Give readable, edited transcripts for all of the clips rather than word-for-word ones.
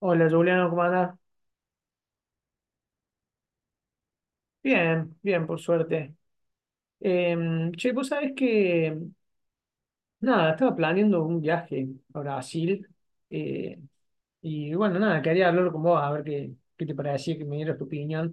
Hola Juliano, ¿cómo andás? Bien, bien, por suerte. Eh, Che, vos sabés que, nada, estaba planeando un viaje a Brasil, eh, y bueno, nada, quería hablar con vos a ver qué te parecía, que me dieras tu opinión.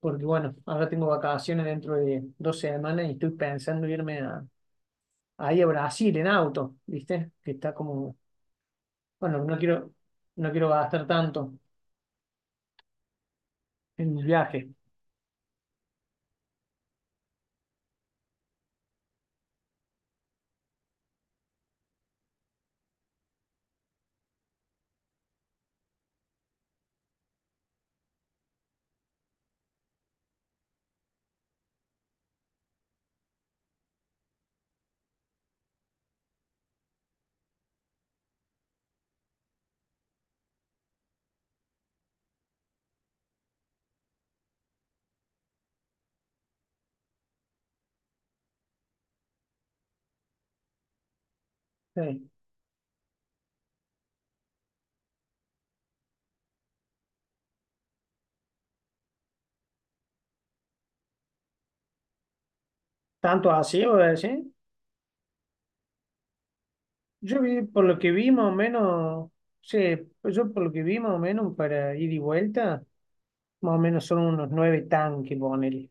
Porque bueno, ahora tengo vacaciones dentro de dos semanas y estoy pensando ahí a Brasil en auto, ¿viste? Que está como, bueno, no quiero, no quiero gastar tanto en el viaje. Sí. ¿Tanto así, voy a decir? Yo vi, por lo que vi más o menos, sí, pues yo por lo que vi más o menos para ir y vuelta, más o menos son unos nueve tanques, ponele.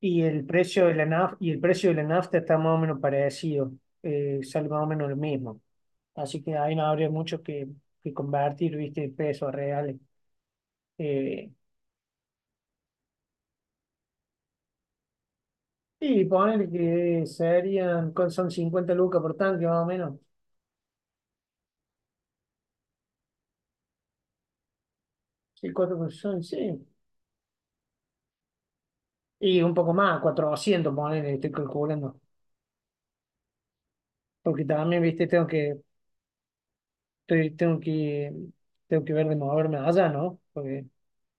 Y el precio de la nafta, y el precio de la nafta está más o menos parecido, sale más o menos lo mismo. Así que ahí no habría mucho que convertir, viste, pesos reales. Eh, y ponele que serían, ¿cuánto son 50 lucas por tanque más o menos? Sí, son, sí. Y un poco más, 400, ponele, estoy calculando. Porque también, viste, tengo que, estoy- tengo que ver de moverme allá, ¿no? Porque,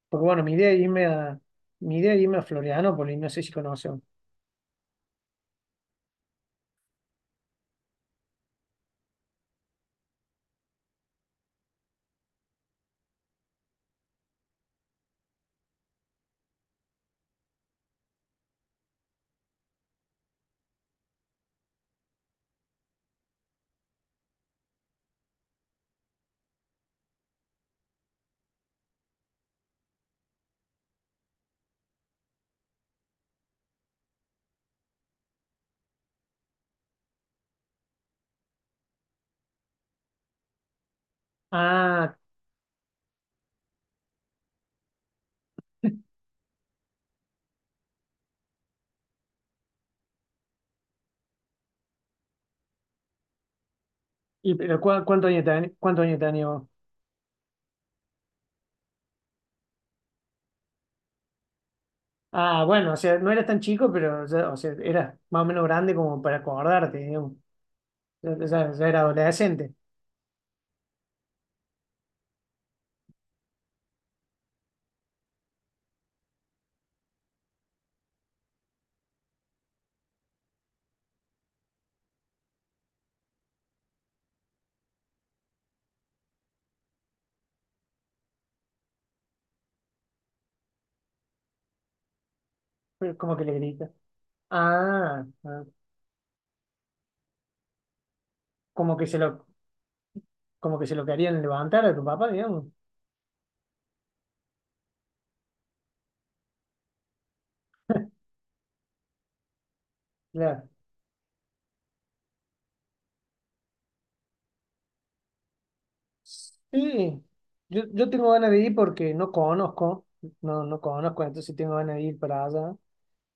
porque bueno, mi idea es irme a Florianópolis, no sé si conocen. Ah, y pero ¿cuánto años tenía, cuánto años tenía vos? Ah, bueno, o sea, no eras tan chico, o sea, eras más o menos grande como para acordarte, digamos. Ya era adolescente, pero como que le grita. Ah, ah, como que se lo, como que se lo querían levantar a tu papá, digamos. Claro. Sí, yo tengo ganas de ir porque no conozco, no conozco, entonces sí tengo ganas de ir para allá.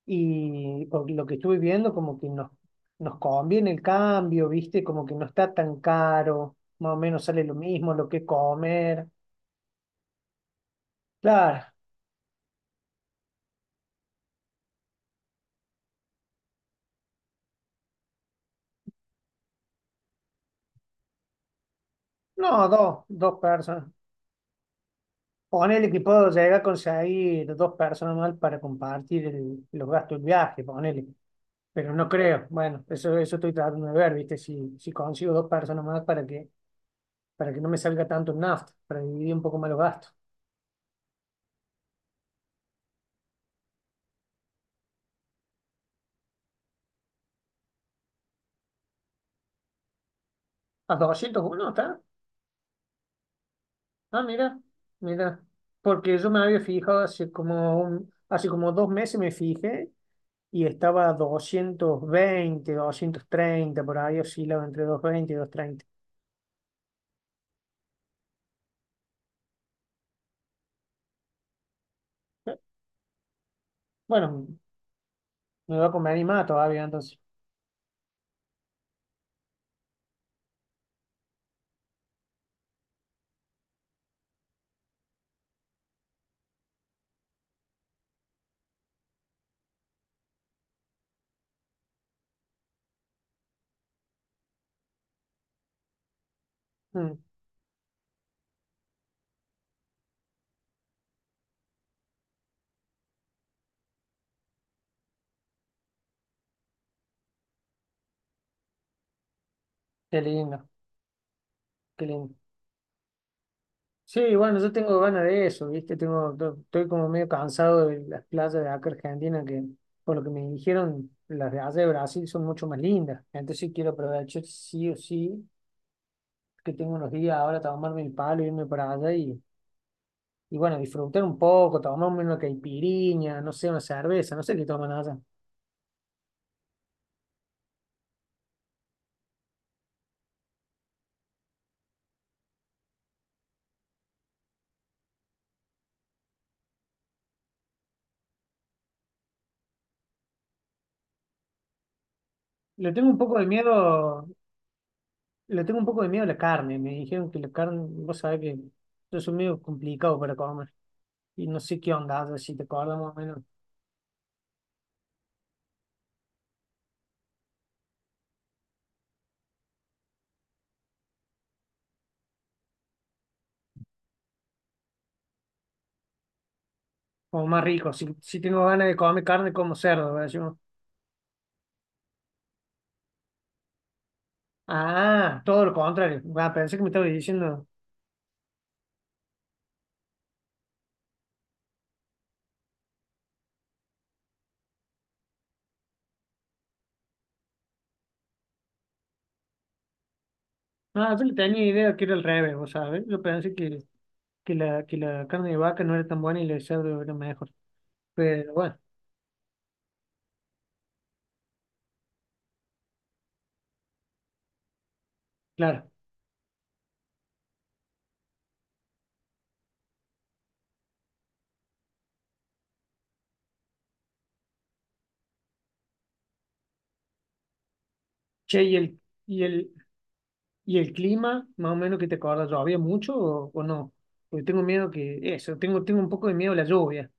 Y por lo que estuve viendo, nos conviene el cambio, ¿viste? Como que no está tan caro, más o menos sale lo mismo, lo que comer. Claro, no, dos personas. Con el equipo llega a conseguir dos personas más para compartir los gastos del viaje, ponele. Pero no creo. Bueno, eso estoy tratando de ver, ¿viste? Si consigo dos personas más para que no me salga tanto el nafta, para dividir un poco más los gastos. ¿A doscientos uno está? Ah, mira, mira. Porque yo me había fijado hace como dos meses me fijé y estaba a 220, doscientos treinta, por ahí oscilaba entre 220 y doscientos treinta. Bueno, me voy a comer animada todavía, entonces. Mm, qué lindo, qué lindo. Sí, bueno, yo tengo ganas de eso, ¿viste? Estoy como medio cansado de las playas de acá Argentina, que por lo que me dijeron, las de allá de Brasil son mucho más lindas. Entonces sí quiero aprovechar sí o sí, que tengo unos días ahora, tomarme el palo, irme para allá y bueno, disfrutar un poco, tomarme una caipirinha, no sé, una cerveza, no sé qué toman allá. Le tengo un poco de miedo Le tengo un poco de miedo a la carne. Me dijeron que la carne, vos sabés que yo soy medio complicado para comer. Y no sé qué onda, a ver si te acordás más o menos. Como más rico. Si tengo ganas de comer carne, como cerdo, ¿verdad? Ah, todo lo contrario. Ah, pensé que me estabas diciendo. Ah, yo le tenía idea que era al revés, vos sabés. Yo pensé que la carne de vaca no era tan buena y la de cerdo era mejor. Pero bueno, claro. Che, y el, y el, ¿Y el clima, más o menos, que te acordás? ¿Llovía mucho o no? Porque tengo miedo que eso, tengo, tengo un poco de miedo a la lluvia.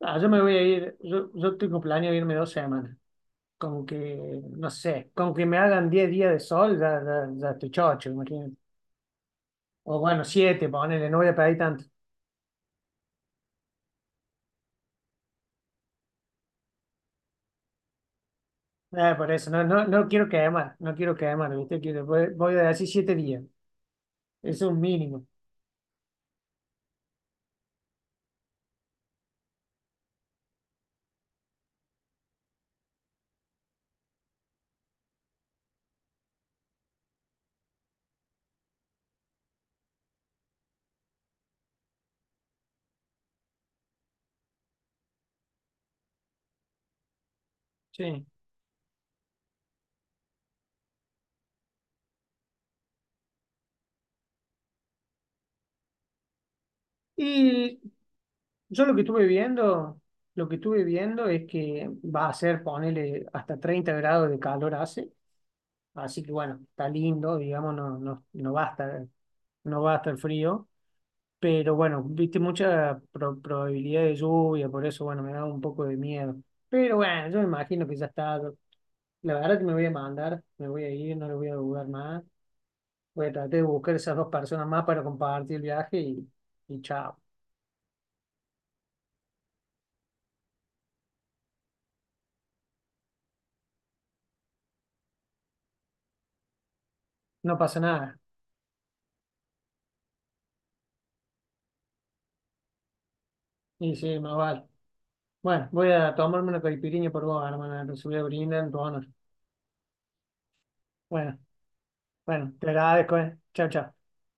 Ah, yo me voy a ir, yo tengo planeado irme dos semanas. Como que, no sé, como que me hagan 10 días de sol, ya estoy chocho, imagínate. O bueno, 7 ponele, no voy a pedir tanto. Por eso, no, no, no quiero quemar, no quiero quemar, ¿viste? Quiero, voy, voy a decir 7 días. Eso es un mínimo. Sí. Y yo lo que estuve viendo, lo que estuve viendo es que va a ser, ponele, hasta 30 grados de calor hace, así que bueno, está lindo, digamos, no, no, no va a estar, no va a estar frío, pero bueno, viste mucha probabilidad de lluvia, por eso bueno, me da un poco de miedo. Pero bueno, yo me imagino que ya está, la verdad que me voy a mandar, me voy a ir, no lo voy a dudar más, voy a tratar de buscar esas dos personas más para compartir el viaje y chao, no pasa nada, y sí, más vale. Bueno, voy a tomarme una caipirinha por vos, hermana. Te voy a brindar en tu honor. Bueno, bueno, te agradezco, eh. Chao, chao.